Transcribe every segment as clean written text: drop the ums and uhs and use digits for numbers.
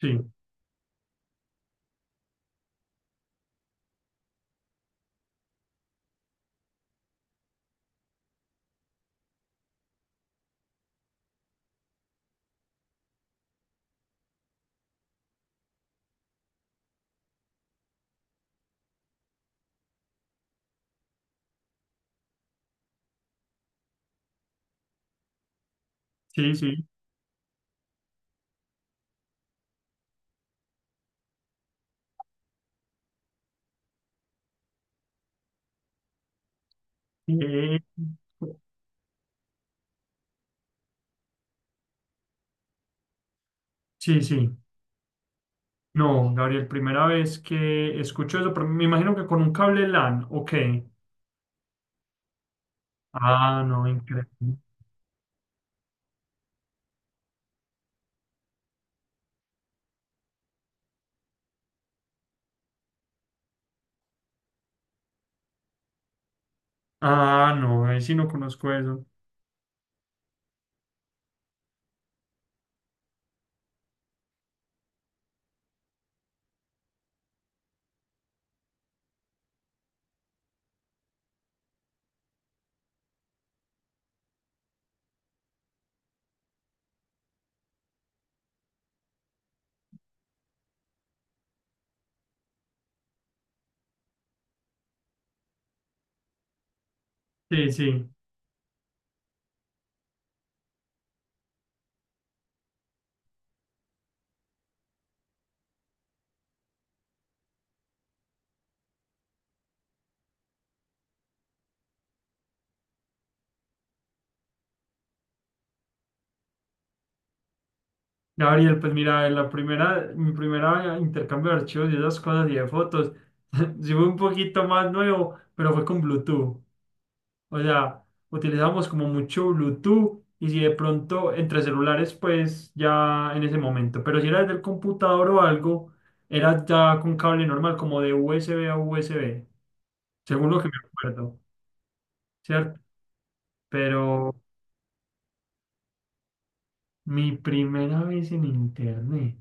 Sí, sí, sí. Eh, sí, sí. No, Gabriel, primera vez que escucho eso, pero me imagino que con un cable LAN, ok. Ah, no, increíble. Ah, no, ahí sí no conozco eso. Sí, sí. Gabriel, pues mira, mi primera intercambio de archivos y esas cosas y de fotos, sí fue un poquito más nuevo, pero fue con Bluetooth. O sea, utilizamos como mucho Bluetooth y si de pronto entre celulares, pues ya en ese momento. Pero si era desde el computador o algo, era ya con cable normal, como de USB a USB, según lo que me acuerdo, ¿cierto? Pero mi primera vez en internet.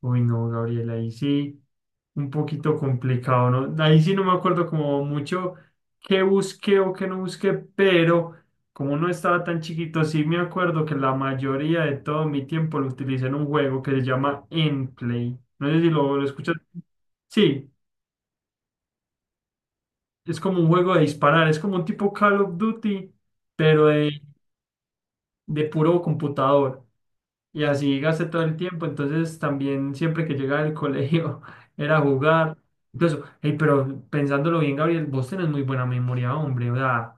Uy, no, Gabriel, ahí sí, un poquito complicado, ¿no? Ahí sí no me acuerdo como mucho qué busqué o qué no busqué, pero como no estaba tan chiquito, sí me acuerdo que la mayoría de todo mi tiempo lo utilicé en un juego que se llama Endplay. No sé si lo escuchas. Sí, es como un juego de disparar, es como un tipo Call of Duty, pero de puro computador. Y así gasté todo el tiempo. Entonces también siempre que llegaba del colegio era jugar. Incluso, hey, pero pensándolo bien, Gabriel, vos tenés muy buena memoria, hombre. O sea,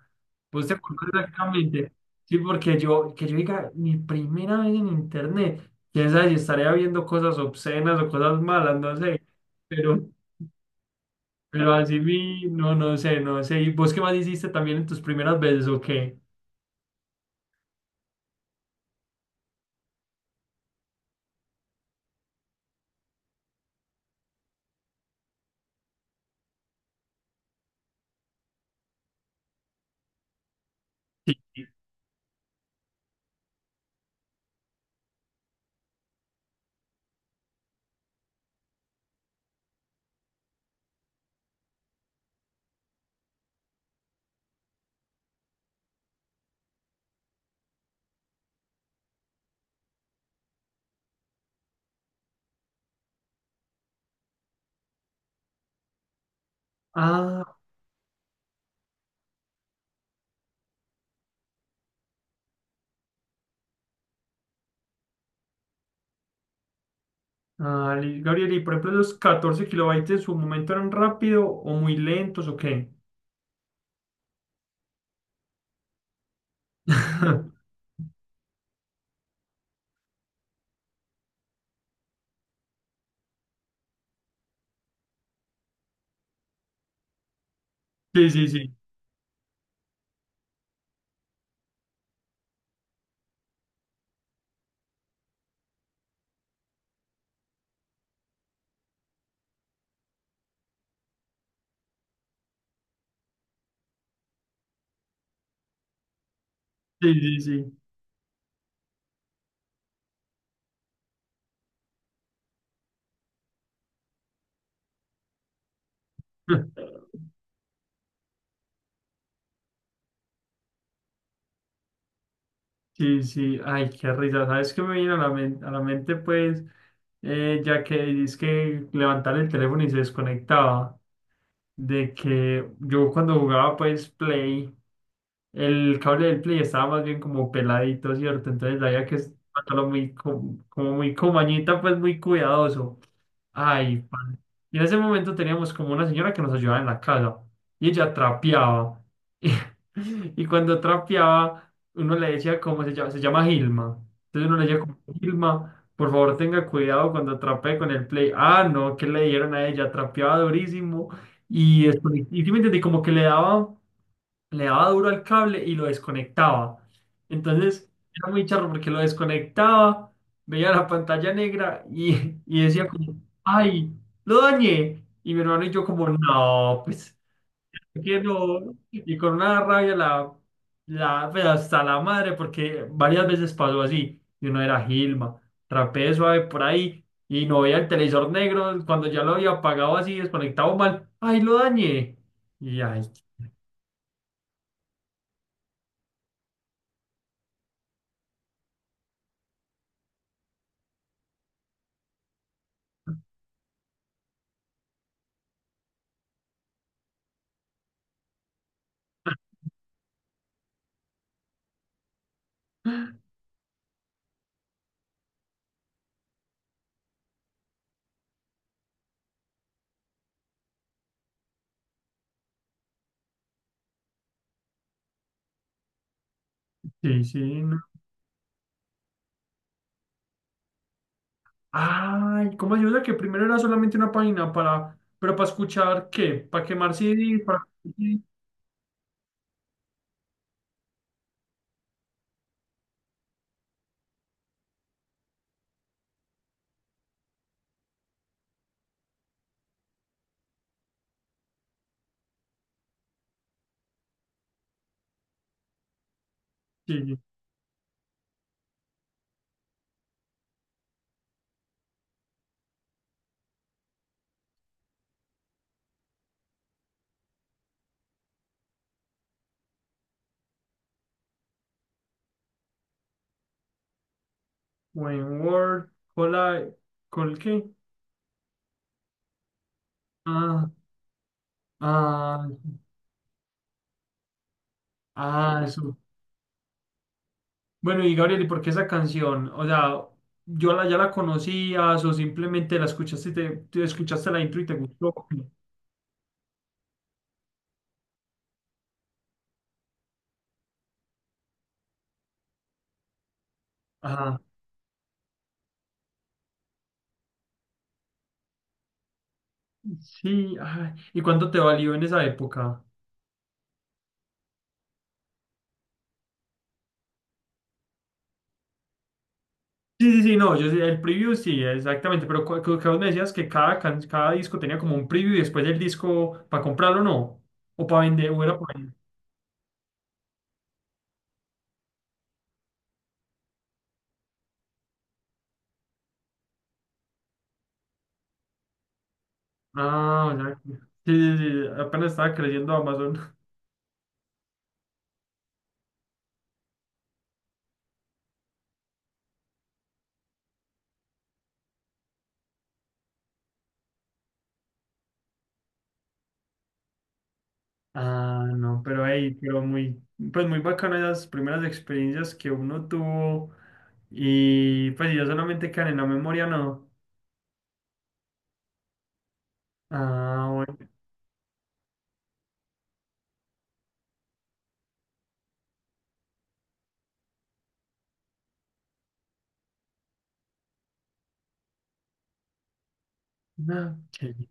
vos te acordás exactamente. Sí, porque yo, que yo diga, mi primera vez en internet, quién sabe si estaría viendo cosas obscenas o cosas malas, no sé. Pero, pero así vi, no, no sé, no sé. ¿Y vos qué más hiciste también en tus primeras veces o qué? Sí. Ah. Ah, Gabriel, y por ejemplo, ¿los 14 kilobytes en su momento eran rápido o muy lentos o qué? Sí, sí, sí, sí, sí, sí. Sí, sí, ay, qué risa. ¿Sabes qué me viene a la mente? A la mente, pues, ya que es que levantar el teléfono y se desconectaba, de que yo cuando jugaba, pues, Play. El cable del Play estaba más bien como peladito, ¿cierto? Entonces había que estarlo muy, como muy comañita, pues muy cuidadoso. Ay, pan. Y en ese momento teníamos como una señora que nos ayudaba en la casa y ella trapeaba. Y cuando trapeaba, uno le decía cómo se llama Gilma. Entonces uno le decía como, Gilma, por favor tenga cuidado cuando trapee con el play. Ah, no, ¿qué le dijeron a ella? Trapeaba durísimo. Y después, y sí me entendí, como que le daba duro al cable y lo desconectaba. Entonces era muy charro porque lo desconectaba, veía la pantalla negra y decía como, ay, lo dañé. Y mi hermano y yo como, no, pues, ¿por qué no? Y con una rabia la, pero hasta la madre, porque varias veces pasó así. Y uno era Gilma, rapeé suave por ahí y no veía el televisor negro. Cuando ya lo había apagado así, desconectado mal, ay, lo dañé. Y ay, sí, sí, no. Ay, ¿cómo ayuda? Que primero era solamente una página para, pero para escuchar qué, para quemar CD, para... Sí, sí. When Word, cola, ¿col qué? Ah, ah, ah, eso. Bueno, y Gabriel, ¿y por qué esa canción? O sea, ¿yo ya la conocías o simplemente la escuchaste y te escuchaste la intro y te gustó? Ajá. Sí, ay, ¿y cuánto te valió en esa época? Sí, sí, sí, no, yo sí, el preview sí, exactamente, pero que vos me decías que cada, cada disco tenía como un preview y después el disco para comprarlo, ¿no? O para vender, o era para vender. Ah, ya. Sí, sí, sí, apenas estaba creciendo Amazon. Ah, no, pero ahí, pero muy, pues muy bacano esas primeras experiencias que uno tuvo y pues yo solamente quedan en la memoria, ¿no? Ah, bueno. Ah, ok.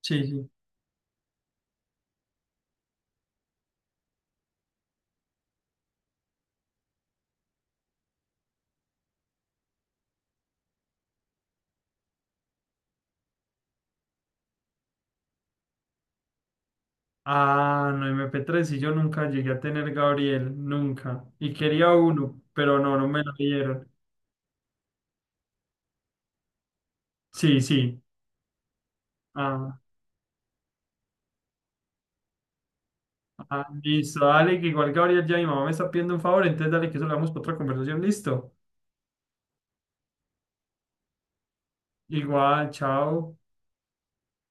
Sí, sí. Ah, no, MP3 y yo nunca llegué a tener Gabriel, nunca. Y quería uno, pero no me lo dieron. Sí, sí. Ah, ah, listo, dale, que igual Gabriel ya mi mamá me está pidiendo un favor, entonces dale que eso lo damos para otra conversación, listo. Igual, chao.